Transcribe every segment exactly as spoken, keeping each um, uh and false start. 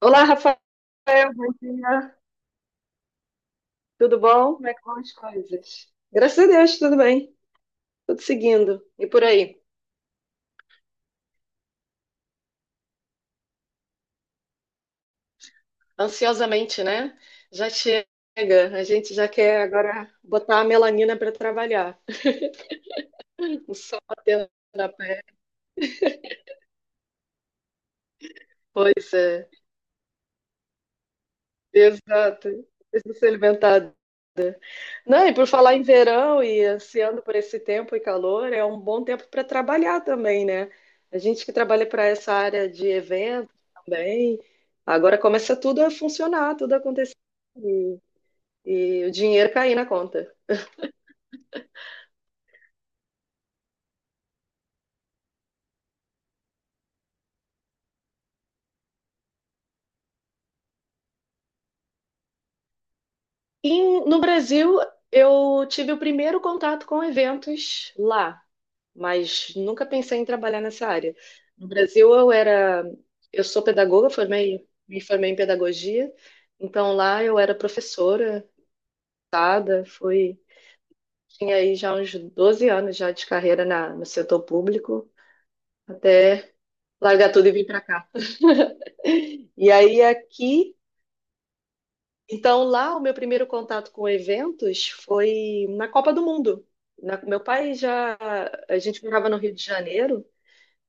Olá, Rafael, bom dia. Tudo bom? Como é que vão as coisas? Graças a Deus, tudo bem. Tudo seguindo. E por aí? Ansiosamente, né? Já chega. A gente já quer agora botar a melanina para trabalhar. O sol batendo na pele. Pois é. Exato. Precisa se alimentar. Não, e por falar em verão e ansiando por esse tempo e calor, é um bom tempo para trabalhar também, né? A gente que trabalha para essa área de eventos também, agora começa tudo a funcionar, tudo a acontecer e, e o dinheiro cair na conta. E no Brasil, eu tive o primeiro contato com eventos lá, mas nunca pensei em trabalhar nessa área. No Brasil, eu era, eu sou pedagoga, formei, me formei em pedagogia, então lá eu era professora passada, fui, tinha aí já uns doze anos já de carreira na, no setor público, até largar tudo e vir para cá. E aí aqui, então lá o meu primeiro contato com eventos foi na Copa do Mundo. Na- meu pai já, a gente morava no Rio de Janeiro,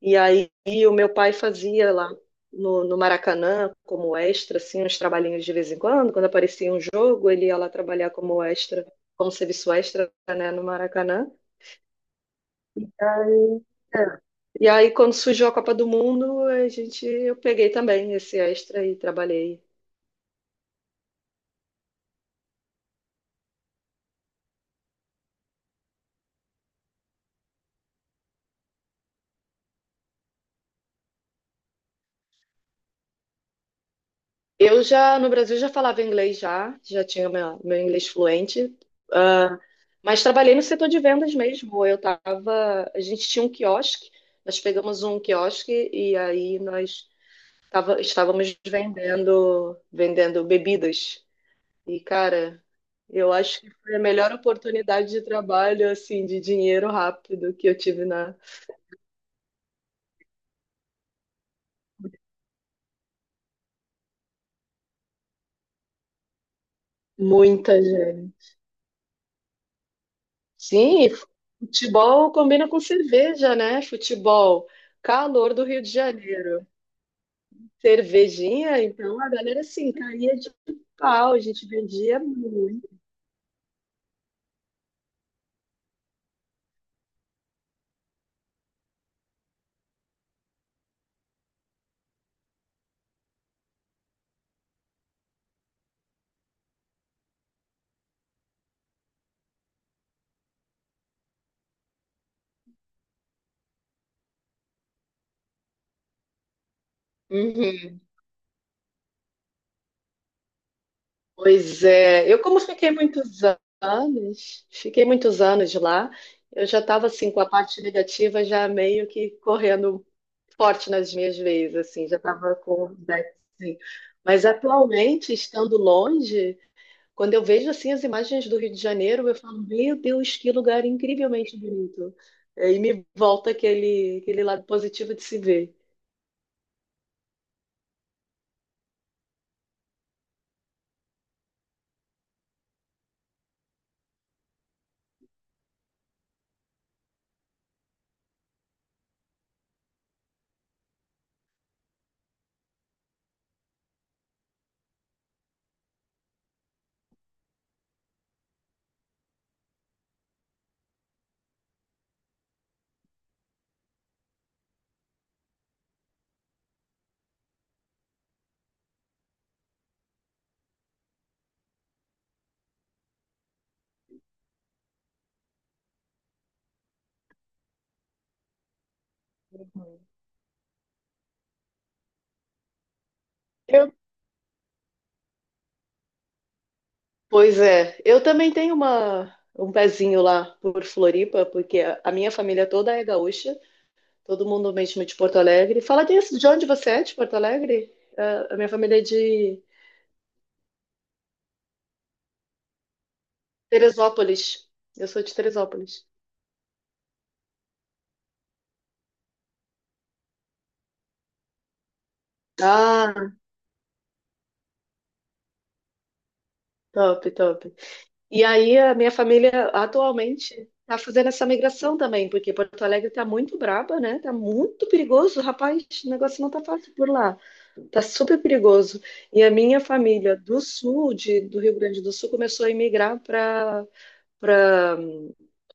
e aí o meu pai fazia lá no, no Maracanã como extra, assim, uns trabalhinhos de vez em quando, quando aparecia um jogo, ele ia lá trabalhar como extra, como serviço extra, né, no Maracanã. É. E aí, quando surgiu a Copa do Mundo, a gente, eu peguei também esse extra e trabalhei. Eu já, no Brasil, já falava inglês já, já tinha meu, meu inglês fluente, ah, mas trabalhei no setor de vendas mesmo. Eu tava, a gente tinha um quiosque, nós pegamos um quiosque e aí nós tava, estávamos vendendo, vendendo bebidas. E, cara, eu acho que foi a melhor oportunidade de trabalho, assim, de dinheiro rápido que eu tive. Muita gente. Sim, futebol combina com cerveja, né? Futebol, calor do Rio de Janeiro. Cervejinha, então a galera assim caía de pau, a gente vendia muito. Uhum. Pois é, eu como fiquei muitos anos, fiquei muitos anos lá, eu já estava assim com a parte negativa já meio que correndo forte nas minhas veias, assim, já estava com o back, assim. Mas atualmente, estando longe, quando eu vejo assim as imagens do Rio de Janeiro, eu falo, meu Deus, que lugar incrivelmente bonito. É. E me volta aquele, aquele lado positivo de se ver. Eu, pois é, eu também tenho uma, um pezinho lá por Floripa, porque a a minha família toda é gaúcha, todo mundo mesmo de Porto Alegre. Fala disso, de onde você é, de Porto Alegre? É, a minha família é de Teresópolis. Eu sou de Teresópolis. Ah, top, top. E aí a minha família atualmente está fazendo essa migração também, porque Porto Alegre está muito braba, né? Tá muito perigoso, rapaz, o negócio não tá fácil por lá. Tá super perigoso. E a minha família do sul, de, do Rio Grande do Sul, começou a emigrar para para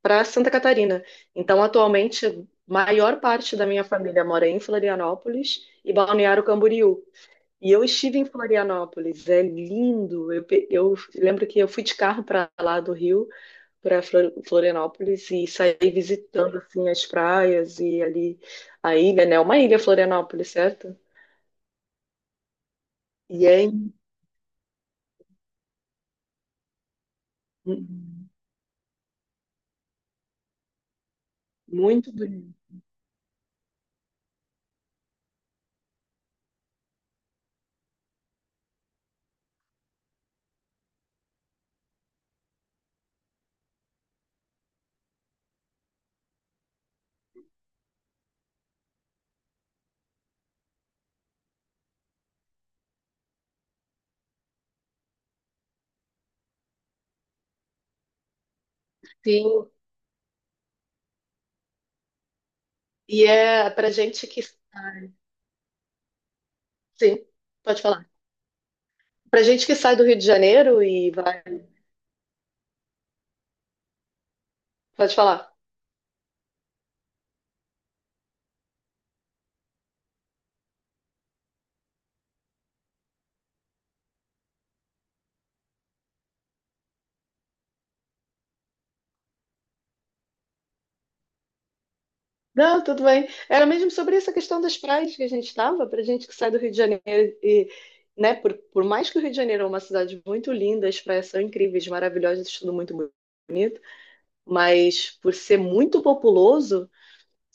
para Santa Catarina. Então, atualmente, a maior parte da minha família mora em Florianópolis e Balneário Camboriú. E eu estive em Florianópolis, é lindo. Eu, pe- eu lembro que eu fui de carro para lá do Rio para Florianópolis e sair visitando assim as praias e ali a ilha, né? Uma ilha Florianópolis, certo? E é mu- muito bonito. Sim, e é para gente que sim, pode falar. Para gente que sai do Rio de Janeiro e vai, pode falar. Não, tudo bem. Era mesmo sobre essa questão das praias que a gente estava, para gente que sai do Rio de Janeiro e, né, por, por mais que o Rio de Janeiro é uma cidade muito linda, as praias são incríveis, maravilhosas, tudo muito, mas por ser muito populoso,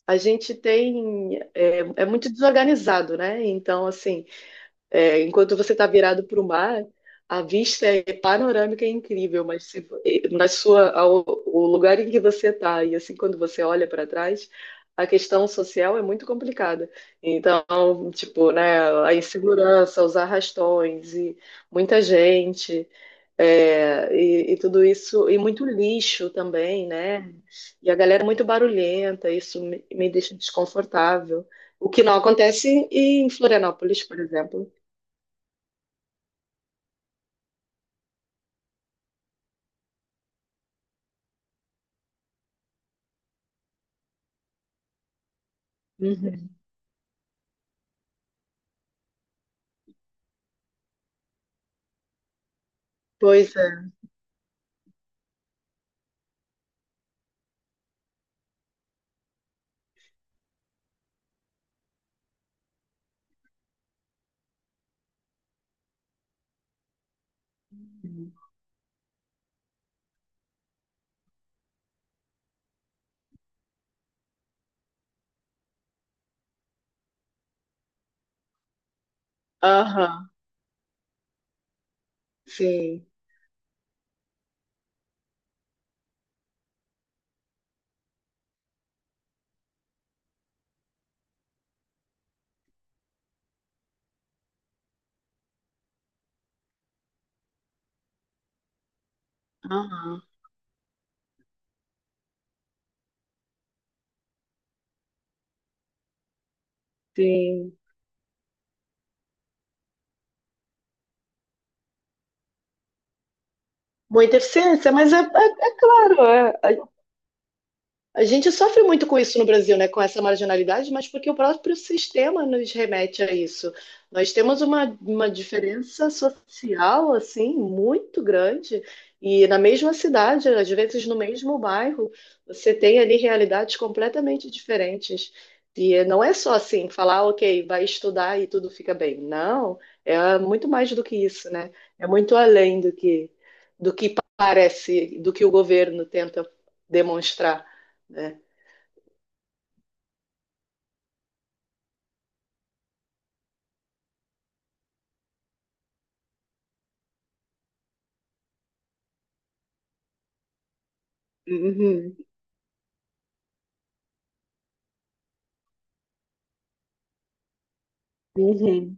a gente tem é, é muito desorganizado, né? Então, assim, é, enquanto você está virado para o mar, a vista é panorâmica, é incrível, mas se, na sua ao- o lugar em que você está e assim quando você olha para trás, a questão social é muito complicada. Então, tipo, né, a insegurança, os arrastões e muita gente. É, e, e tudo isso, e muito lixo também, né? E a galera é muito barulhenta, isso me, me deixa desconfortável. O que não acontece em em Florianópolis, por exemplo. Uhum. Pois é. Aham, sim. Aham, sim. Muita eficiência, mas é, é, é claro, é, a gente sofre muito com isso no Brasil, né? Com essa marginalidade, mas porque o próprio sistema nos remete a isso. Nós temos uma, uma diferença social, assim, muito grande. E na mesma cidade, às vezes no mesmo bairro, você tem ali realidades completamente diferentes. E não é só assim, falar, ok, vai estudar e tudo fica bem. Não, é muito mais do que isso, né? É muito além do que, do que parece, do que o governo tenta demonstrar. É. Uhum. Uhum.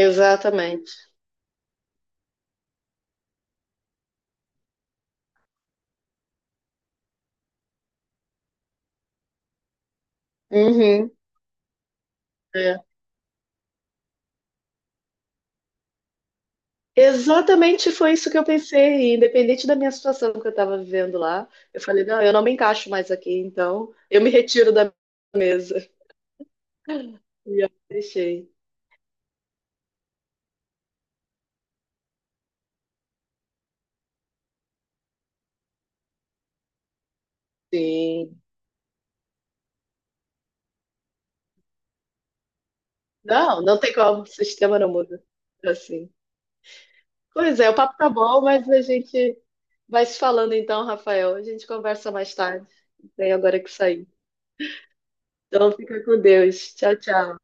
Exatamente. Uhum. É. Exatamente foi isso que eu pensei, independente da minha situação que eu estava vivendo lá. Eu falei, não, eu não me encaixo mais aqui, então eu me retiro da mesa. E eu deixei. Sim. Não, não tem como, o sistema não muda. Assim. Pois é, o papo tá bom, mas a gente vai se falando então, Rafael. A gente conversa mais tarde. Tenho agora que sair. Então fica com Deus. Tchau, tchau.